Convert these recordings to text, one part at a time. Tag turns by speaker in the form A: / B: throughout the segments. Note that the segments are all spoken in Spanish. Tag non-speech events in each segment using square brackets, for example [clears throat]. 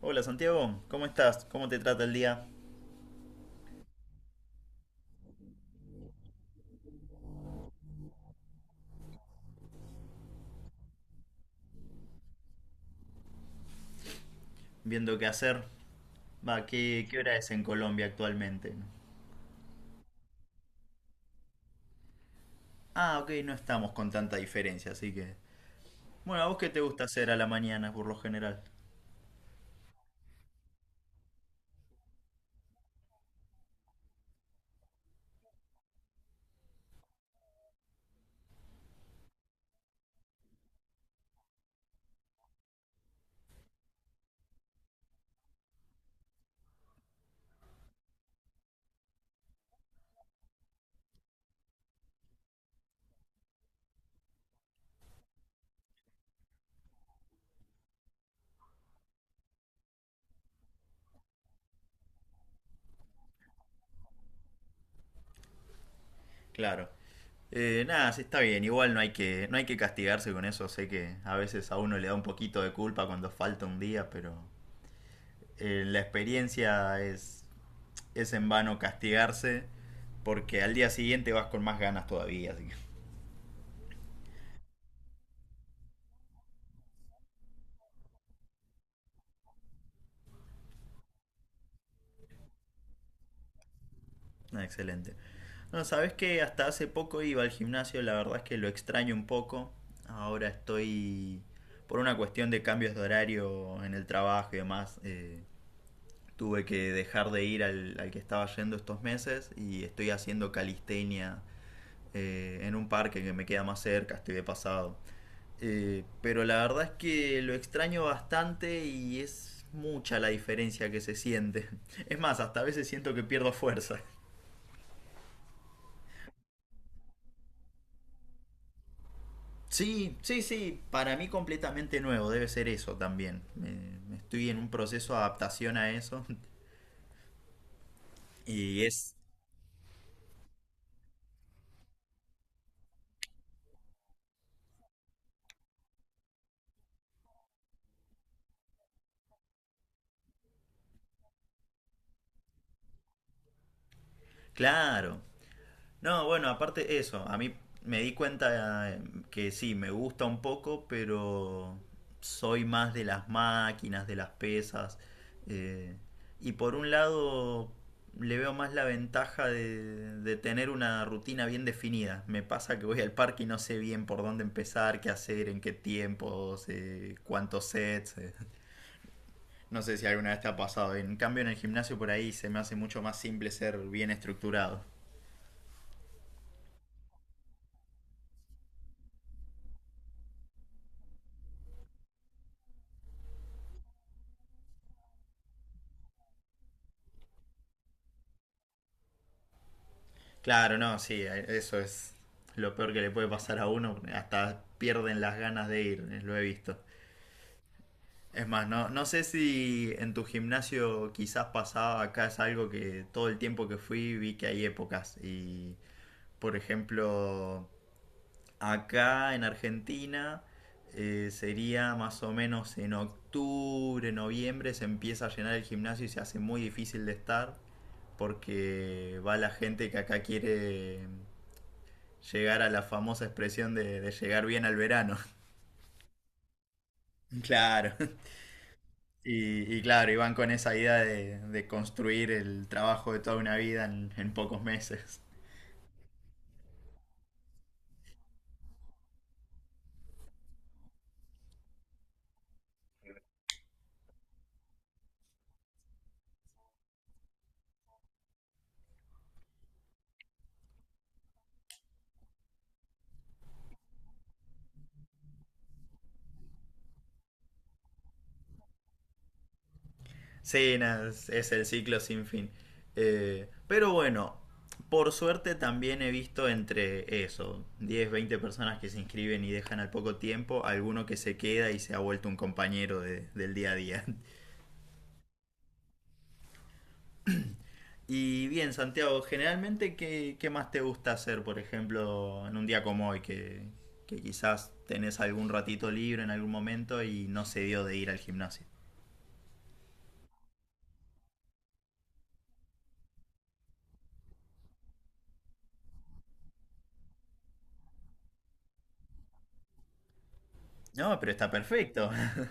A: Hola Santiago, ¿cómo estás? ¿Cómo te trata el día? Viendo qué hacer. Va, ¿qué hora es en Colombia actualmente? Ah, ok, no estamos con tanta diferencia, así que... Bueno, ¿a vos qué te gusta hacer a la mañana por lo general? Claro. Nada, sí, está bien, igual no hay que castigarse con eso, sé que a veces a uno le da un poquito de culpa cuando falta un día, pero la es en vano castigarse porque al día siguiente vas con más ganas todavía, así que... Ah, excelente. No, sabes que hasta hace poco iba al gimnasio, la verdad es que lo extraño un poco. Ahora estoy por una cuestión de cambios de horario en el trabajo y demás. Tuve que dejar de ir al que estaba yendo estos meses y estoy haciendo calistenia en un parque que me queda más cerca, estoy de pasado. Pero la verdad es que lo extraño bastante y es mucha la diferencia que se siente. [laughs] Es más, hasta a veces siento que pierdo fuerza. Sí, sí, sí, para mí completamente nuevo, debe ser eso también. Estoy en un proceso de adaptación a eso [laughs] y es claro. No, bueno, aparte eso, a mí me di cuenta, que sí, me gusta un poco, pero soy más de las máquinas, de las pesas. eh, y por un lado le veo más la ventaja de tener una rutina bien definida. Me pasa que voy al parque y no sé bien por dónde empezar, qué hacer, en qué tiempos, cuántos sets. No sé si alguna vez te ha pasado. En cambio en el gimnasio por ahí se me hace mucho más simple ser bien estructurado. Claro, no, sí, eso es lo peor que le puede pasar a uno. Hasta pierden las ganas de ir, lo he visto. Es más, no sé si en tu gimnasio quizás pasaba, acá es algo que todo el tiempo que fui vi que hay épocas. Y, por ejemplo, acá en Argentina sería más o menos en octubre, noviembre, se empieza a llenar el gimnasio y se hace muy difícil de estar porque va la gente que acá quiere llegar a la famosa expresión de llegar bien al verano. [laughs] Claro. Y claro, iban con esa idea de construir el trabajo de toda una vida en pocos meses. Sí, nada, es el ciclo sin fin. Pero bueno, por suerte también he visto entre eso, 10, 20 personas que se inscriben y dejan al poco tiempo, alguno que se queda y se ha vuelto un compañero del día a día. Y bien, Santiago, generalmente, ¿qué más te gusta hacer, por ejemplo, en un día como hoy, que quizás tenés algún ratito libre en algún momento y no se dio de ir al gimnasio? No, pero está perfecto. [laughs]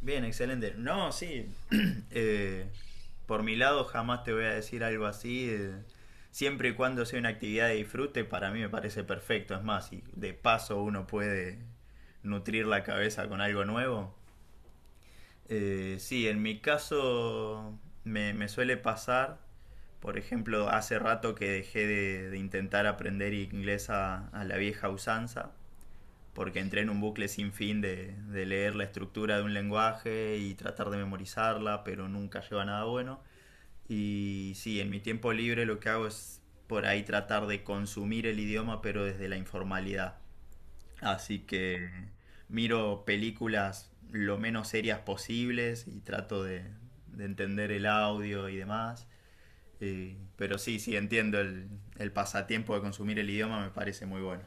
A: Bien, excelente. No, sí. [clears throat] Eh, por mi lado, jamás te voy a decir algo así. Siempre y cuando sea una actividad de disfrute, para mí me parece perfecto. Es más, si de paso uno puede nutrir la cabeza con algo nuevo. Sí, en mi caso me suele pasar, por ejemplo, hace rato que dejé de intentar aprender inglés a la vieja usanza, porque entré en un bucle sin fin de leer la estructura de un lenguaje y tratar de memorizarla, pero nunca lleva a nada bueno. Y sí, en mi tiempo libre lo que hago es por ahí tratar de consumir el idioma, pero desde la informalidad. Así que miro películas lo menos serias posibles y trato de entender el audio y demás. Pero sí, sí, entiendo el pasatiempo de consumir el idioma, me parece muy bueno.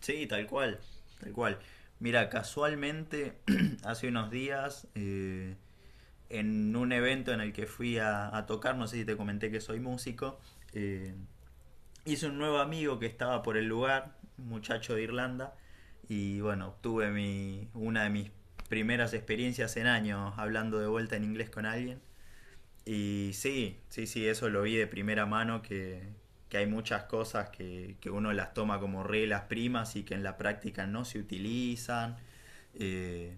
A: Sí, tal cual, tal cual. Mira, casualmente, [clears throat] hace unos días, en un evento en el que fui a tocar, no sé si te comenté que soy músico. eh, Hice un nuevo amigo que estaba por el lugar, un muchacho de Irlanda, y bueno, obtuve una de mis primeras experiencias en años hablando de vuelta en inglés con alguien. Y sí, sí, sí, eso lo vi de primera mano, que hay muchas cosas que uno las toma como reglas primas y que en la práctica no se utilizan, eh,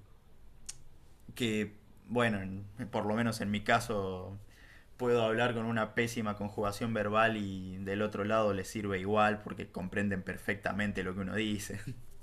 A: que bueno, por lo menos en mi caso puedo hablar con una pésima conjugación verbal y del otro lado les sirve igual porque comprenden perfectamente lo que uno dice. [laughs]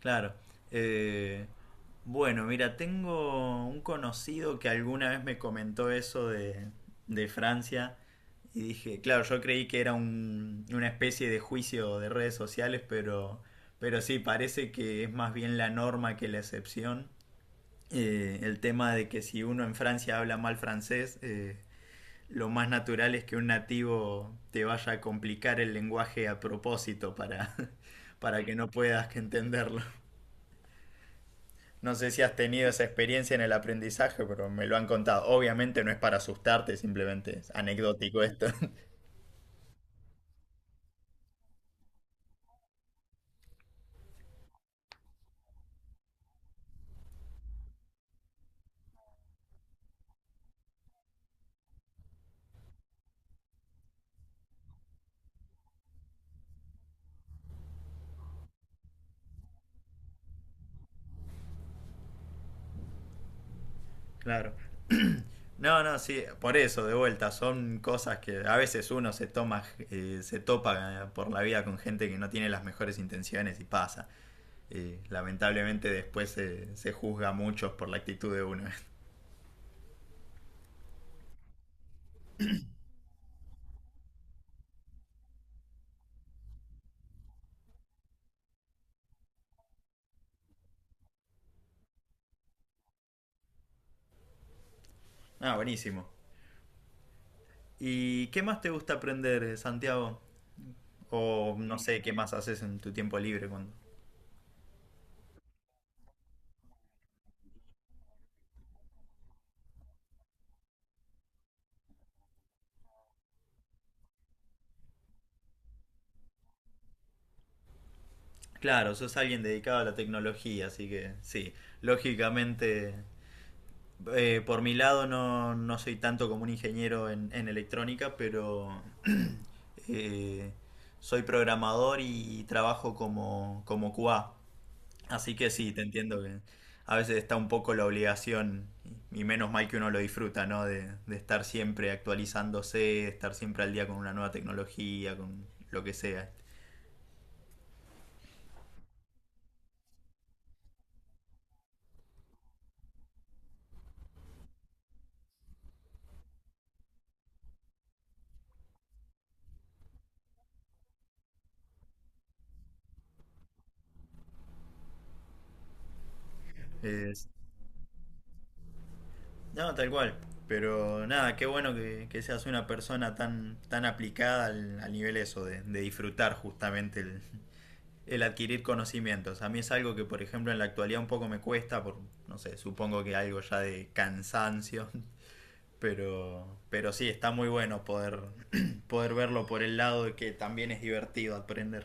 A: Claro. Eh, bueno, mira, tengo un conocido que alguna vez me comentó eso de Francia y dije, claro, yo creí que era una especie de juicio de redes sociales, pero sí, parece que es más bien la norma que la excepción. El tema de que si uno en Francia habla mal francés, lo más natural es que un nativo te vaya a complicar el lenguaje a propósito para, [laughs] para que no puedas entenderlo. No sé si has tenido esa experiencia en el aprendizaje, pero me lo han contado. Obviamente no es para asustarte, simplemente es anecdótico esto. [laughs] Claro. No, no, sí, por eso, de vuelta, son cosas que a veces uno se toma, se topa por la vida con gente que no tiene las mejores intenciones y pasa. Lamentablemente después se juzga a muchos por la actitud de uno. [laughs] Ah, buenísimo. ¿Y qué más te gusta aprender, Santiago? O no sé, ¿qué más haces en tu tiempo libre cuando... Claro, sos alguien dedicado a la tecnología, así que sí, lógicamente, por mi lado no, no soy tanto como un ingeniero en electrónica, pero [clears throat] eh, soy programador y trabajo como, como QA. Así que sí, te entiendo que a veces está un poco la obligación, y menos mal que uno lo disfruta, ¿no? De estar siempre actualizándose, de estar siempre al día con una nueva tecnología, con lo que sea. Es- no, tal cual. Pero nada, qué bueno que seas una persona tan, tan aplicada al nivel eso, de disfrutar justamente el adquirir conocimientos. A mí es algo que, por ejemplo, en la actualidad un poco me cuesta, por, no sé, supongo que algo ya de cansancio. [laughs] Pero sí, está muy bueno poder, [clears throat] poder verlo por el lado de que también es divertido aprender.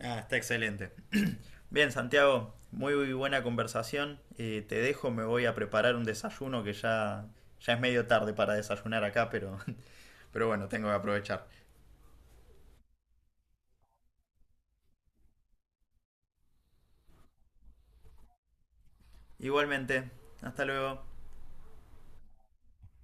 A: Ah, está excelente. [clears throat] Bien, Santiago, muy, buena conversación. Te dejo, me voy a preparar un desayuno que ya, ya es medio tarde para desayunar acá, pero, [laughs] pero bueno, tengo que aprovechar. Igualmente, hasta luego.